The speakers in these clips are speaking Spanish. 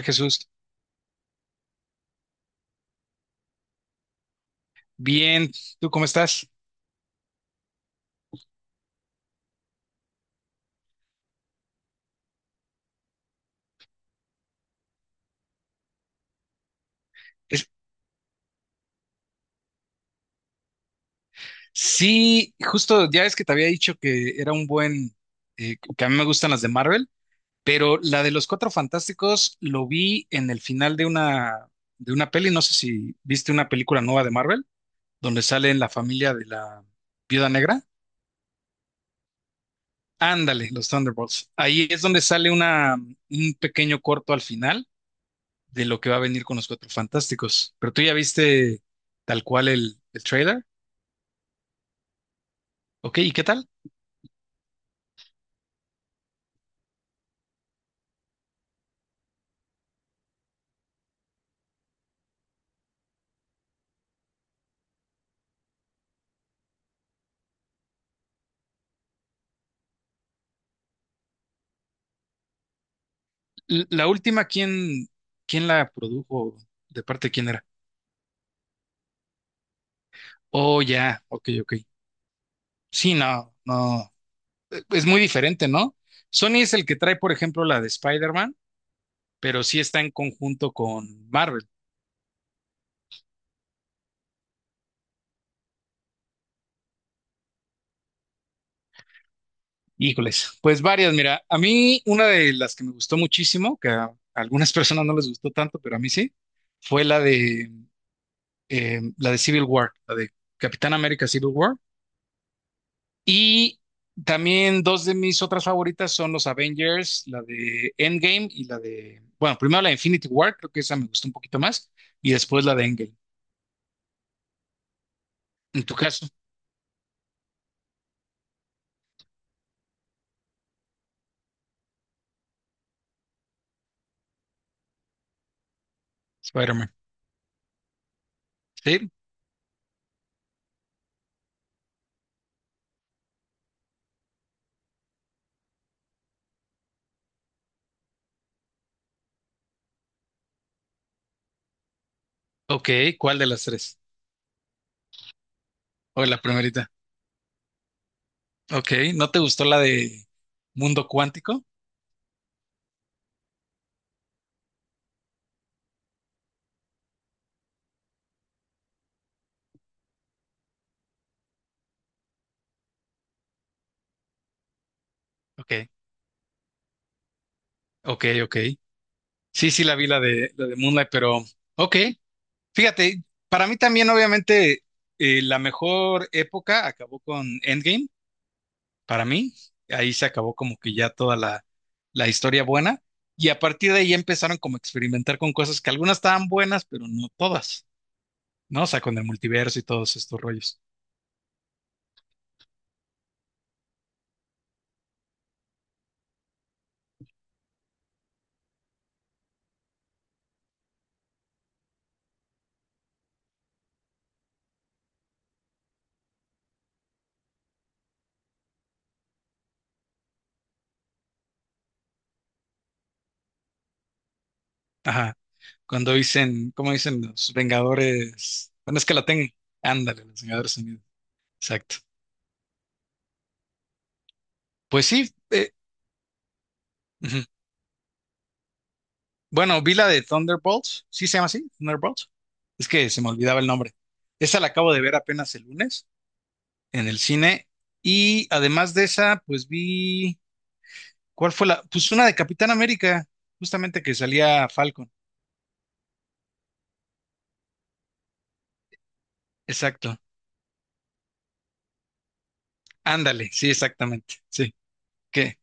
Jesús, bien, ¿tú cómo estás? Es- sí, justo ya es que te había dicho que era un buen, que a mí me gustan las de Marvel, pero la de los Cuatro Fantásticos lo vi en el final de una peli, no sé si viste una película nueva de Marvel, donde sale en la familia de la Viuda Negra. Ándale, los Thunderbolts. Ahí es donde sale una, un pequeño corto al final de lo que va a venir con los Cuatro Fantásticos. Pero tú ya viste tal cual el trailer, ¿ok? ¿Y qué tal? La última, ¿quién, quién la produjo? ¿De parte de quién era? Oh, ya, ok, ok. Sí, no, no. Es muy diferente, ¿no? Sony es el que trae, por ejemplo, la de Spider-Man, pero sí está en conjunto con Marvel. Híjoles, pues varias, mira, a mí una de las que me gustó muchísimo, que a algunas personas no les gustó tanto, pero a mí sí, fue la de Civil War, la de Capitán América Civil War. Y también dos de mis otras favoritas son los Avengers, la de Endgame y la de, bueno, primero la de Infinity War, creo que esa me gustó un poquito más, y después la de Endgame. En tu caso, Spider-Man. Sí. Ok, ¿cuál de las tres? O la primerita. Ok, ¿no te gustó la de Mundo Cuántico? Ok, ok, ok. Sí, sí, la vi la de Moonlight, pero ok. Fíjate, para mí también, obviamente, la mejor época acabó con Endgame para mí. Ahí se acabó como que ya toda la, la historia buena. Y a partir de ahí empezaron como a experimentar con cosas que algunas estaban buenas, pero no todas, ¿no? O sea, con el multiverso y todos estos rollos. Ajá. Cuando dicen, ¿cómo dicen los Vengadores? Bueno, es que la tengo. Ándale, los Vengadores Unidos. Exacto. Pues sí. Ujú. Bueno, vi la de Thunderbolts. ¿Sí se llama así? Thunderbolts. Es que se me olvidaba el nombre. Esa la acabo de ver apenas el lunes en el cine. Y además de esa, pues vi ¿cuál fue la? Pues una de Capitán América, justamente que salía Falcon. Exacto. Ándale, sí, exactamente. Sí. ¿Qué?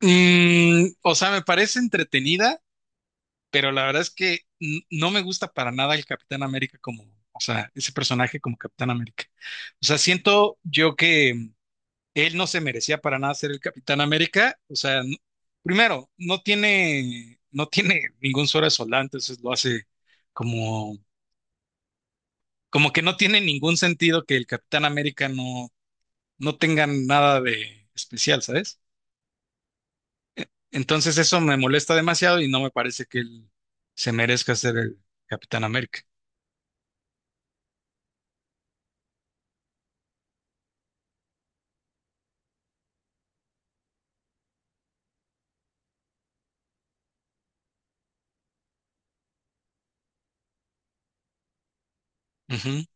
O sea, me parece entretenida, pero la verdad es que no me gusta para nada el Capitán América como, o sea, ese personaje como Capitán América. O sea, siento yo que él no se merecía para nada ser el Capitán América. O sea, primero, no tiene ningún suero de soldado, entonces lo hace como como que no tiene ningún sentido que el Capitán América no tenga nada de especial, ¿sabes? Entonces eso me molesta demasiado y no me parece que él se merezca ser el Capitán América. Ujú.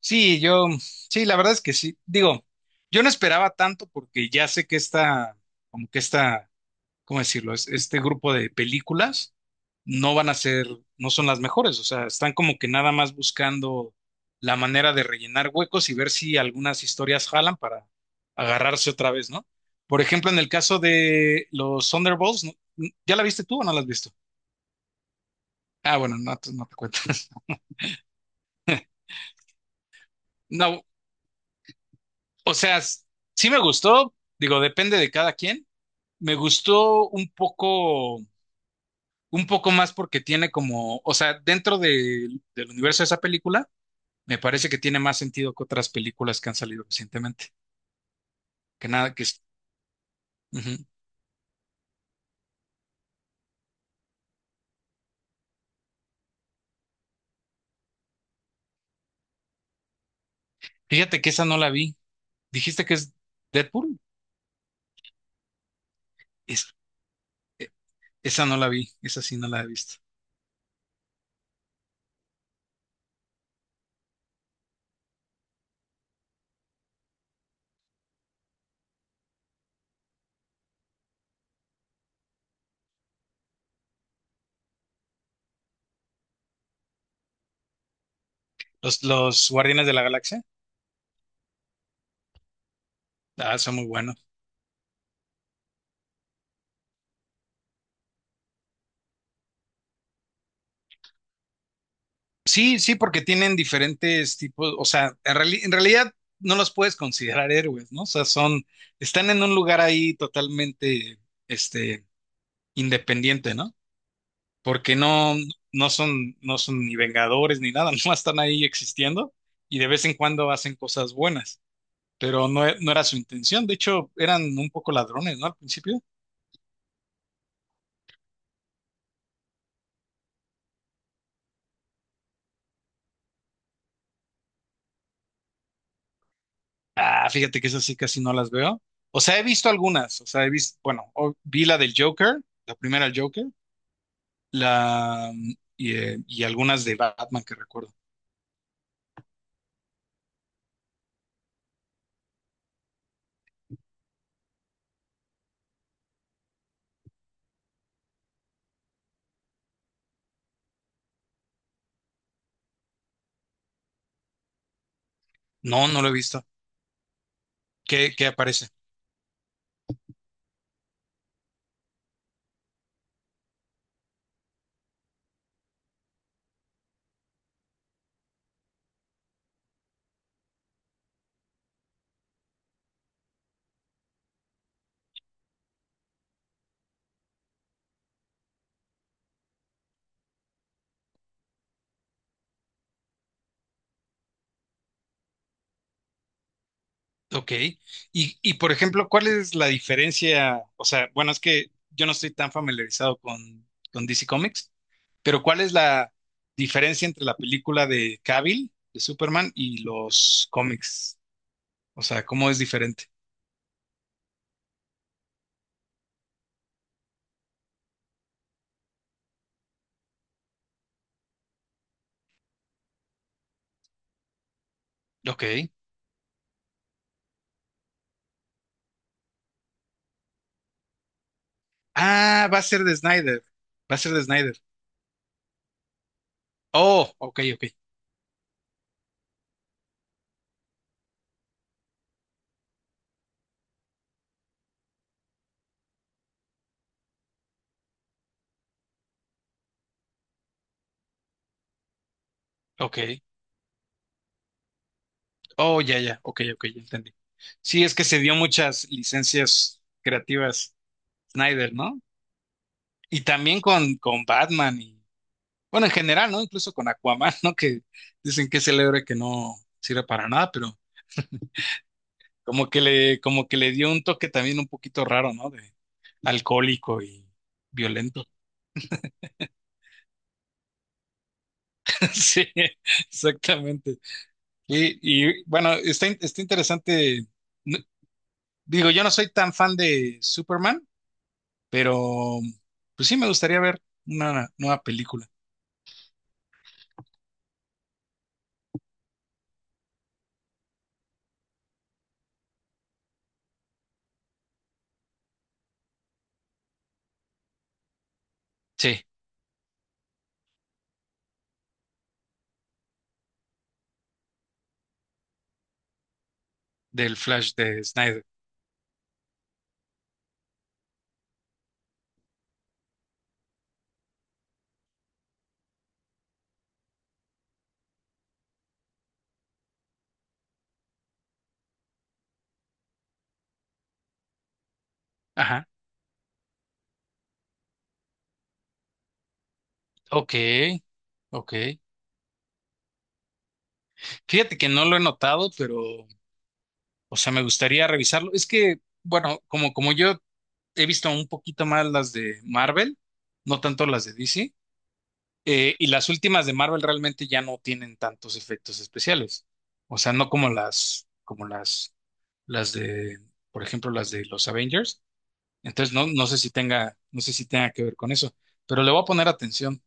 Sí, yo, sí, la verdad es que sí. Digo, yo no esperaba tanto porque ya sé que esta, como que esta ¿cómo decirlo? Este grupo de películas no van a ser, no son las mejores, o sea, están como que nada más buscando la manera de rellenar huecos y ver si algunas historias jalan para agarrarse otra vez, ¿no? Por ejemplo, en el caso de los Thunderbolts, ¿no? ¿Ya la viste tú o no la has visto? Ah, bueno, no, no te cuento. No, o sea, sí me gustó, digo, depende de cada quien. Me gustó un poco más porque tiene como, o sea, dentro del universo de esa película, me parece que tiene más sentido que otras películas que han salido recientemente. Que nada, que es. Ujú. Fíjate que esa no la vi. ¿Dijiste que es Deadpool? Es- esa no la vi. Esa sí no la he visto. Los Guardianes de la Galaxia. Ah, son muy buenos. Sí, sí, porque tienen diferentes tipos. O sea, en, en realidad no los puedes considerar héroes, ¿no? O sea, son. Están en un lugar ahí totalmente, este, independiente, ¿no? Porque no, no son, no son ni vengadores ni nada, no están ahí existiendo y de vez en cuando hacen cosas buenas, pero no, no era su intención, de hecho eran un poco ladrones, ¿no? Al principio. Ah, fíjate que esas sí casi no las veo. O sea, he visto algunas, o sea, he visto, bueno, vi la del Joker, la primera del Joker, la, y algunas de Batman que recuerdo. No, no lo he visto. ¿Qué, qué aparece? Ok. Y por ejemplo, ¿cuál es la diferencia? O sea, bueno, es que yo no estoy tan familiarizado con DC Comics, pero ¿cuál es la diferencia entre la película de Cavill, de Superman, y los cómics? O sea, ¿cómo es diferente? Ok. Ah, va a ser de Snyder. Va a ser de Snyder. Oh, ok, ok, ok. Oh, ya, ya, ok, ok, ya entendí. Sí, es que se dio muchas licencias creativas Snyder, ¿no? Y también con Batman y bueno, en general, ¿no? Incluso con Aquaman, ¿no? Que dicen que es el héroe que no sirve para nada, pero como que le dio un toque también un poquito raro, ¿no? De alcohólico y violento. Sí, exactamente. Y, y, bueno, está, está interesante. No- Digo, yo no soy tan fan de Superman, pero pues sí me gustaría ver una nueva película. Sí, del Flash de Snyder. Ajá. Ok, ok. Fíjate que no lo he notado, pero o sea, me gustaría revisarlo. Es que, bueno, como, como yo he visto un poquito más las de Marvel, no tanto las de DC, y las últimas de Marvel realmente ya no tienen tantos efectos especiales. O sea, no como las, como las de, por ejemplo, las de los Avengers. Entonces, no, no sé si tenga, no sé si tenga que ver con eso, pero le voy a poner atención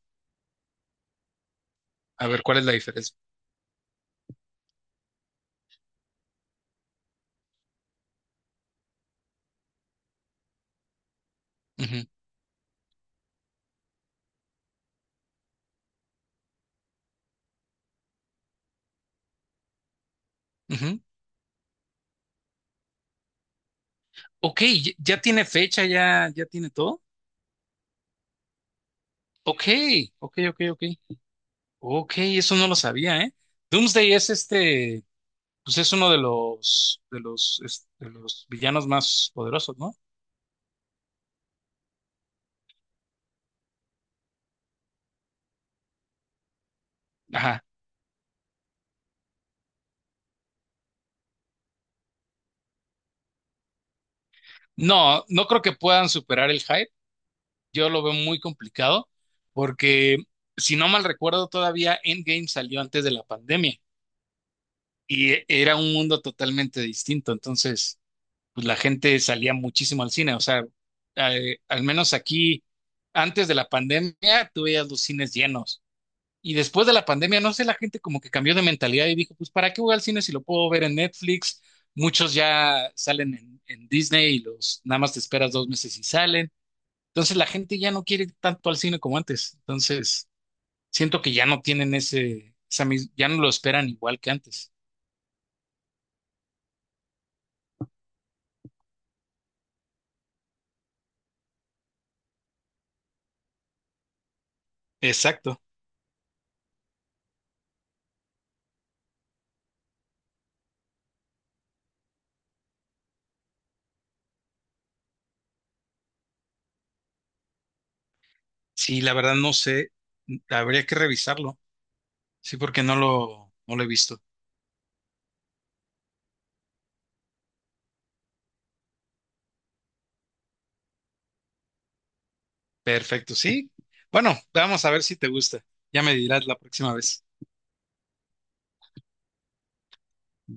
a ver cuál es la diferencia. Ujú, ujú. Ok, ya ya tiene fecha, ya, ya tiene todo. Ok, ok, ok, ok. Ok, eso no lo sabía, ¿eh? Doomsday es pues es uno de los, de los, de los villanos más poderosos, ¿no? Ajá. No, no creo que puedan superar el hype. Yo lo veo muy complicado porque, si no mal recuerdo, todavía Endgame salió antes de la pandemia y era un mundo totalmente distinto. Entonces, pues la gente salía muchísimo al cine. O sea, al menos aquí, antes de la pandemia, tú veías los cines llenos. Y después de la pandemia, no sé, la gente como que cambió de mentalidad y dijo, pues, ¿para qué voy al cine si lo puedo ver en Netflix? Muchos ya salen en Disney y los nada más te esperas dos meses y salen. Entonces la gente ya no quiere ir tanto al cine como antes. Entonces, siento que ya no tienen ese, esa ya no lo esperan igual que antes. Exacto. Sí, la verdad no sé. Habría que revisarlo. Sí, porque no lo, no lo he visto. Perfecto, sí. Bueno, vamos a ver si te gusta. Ya me dirás la próxima vez.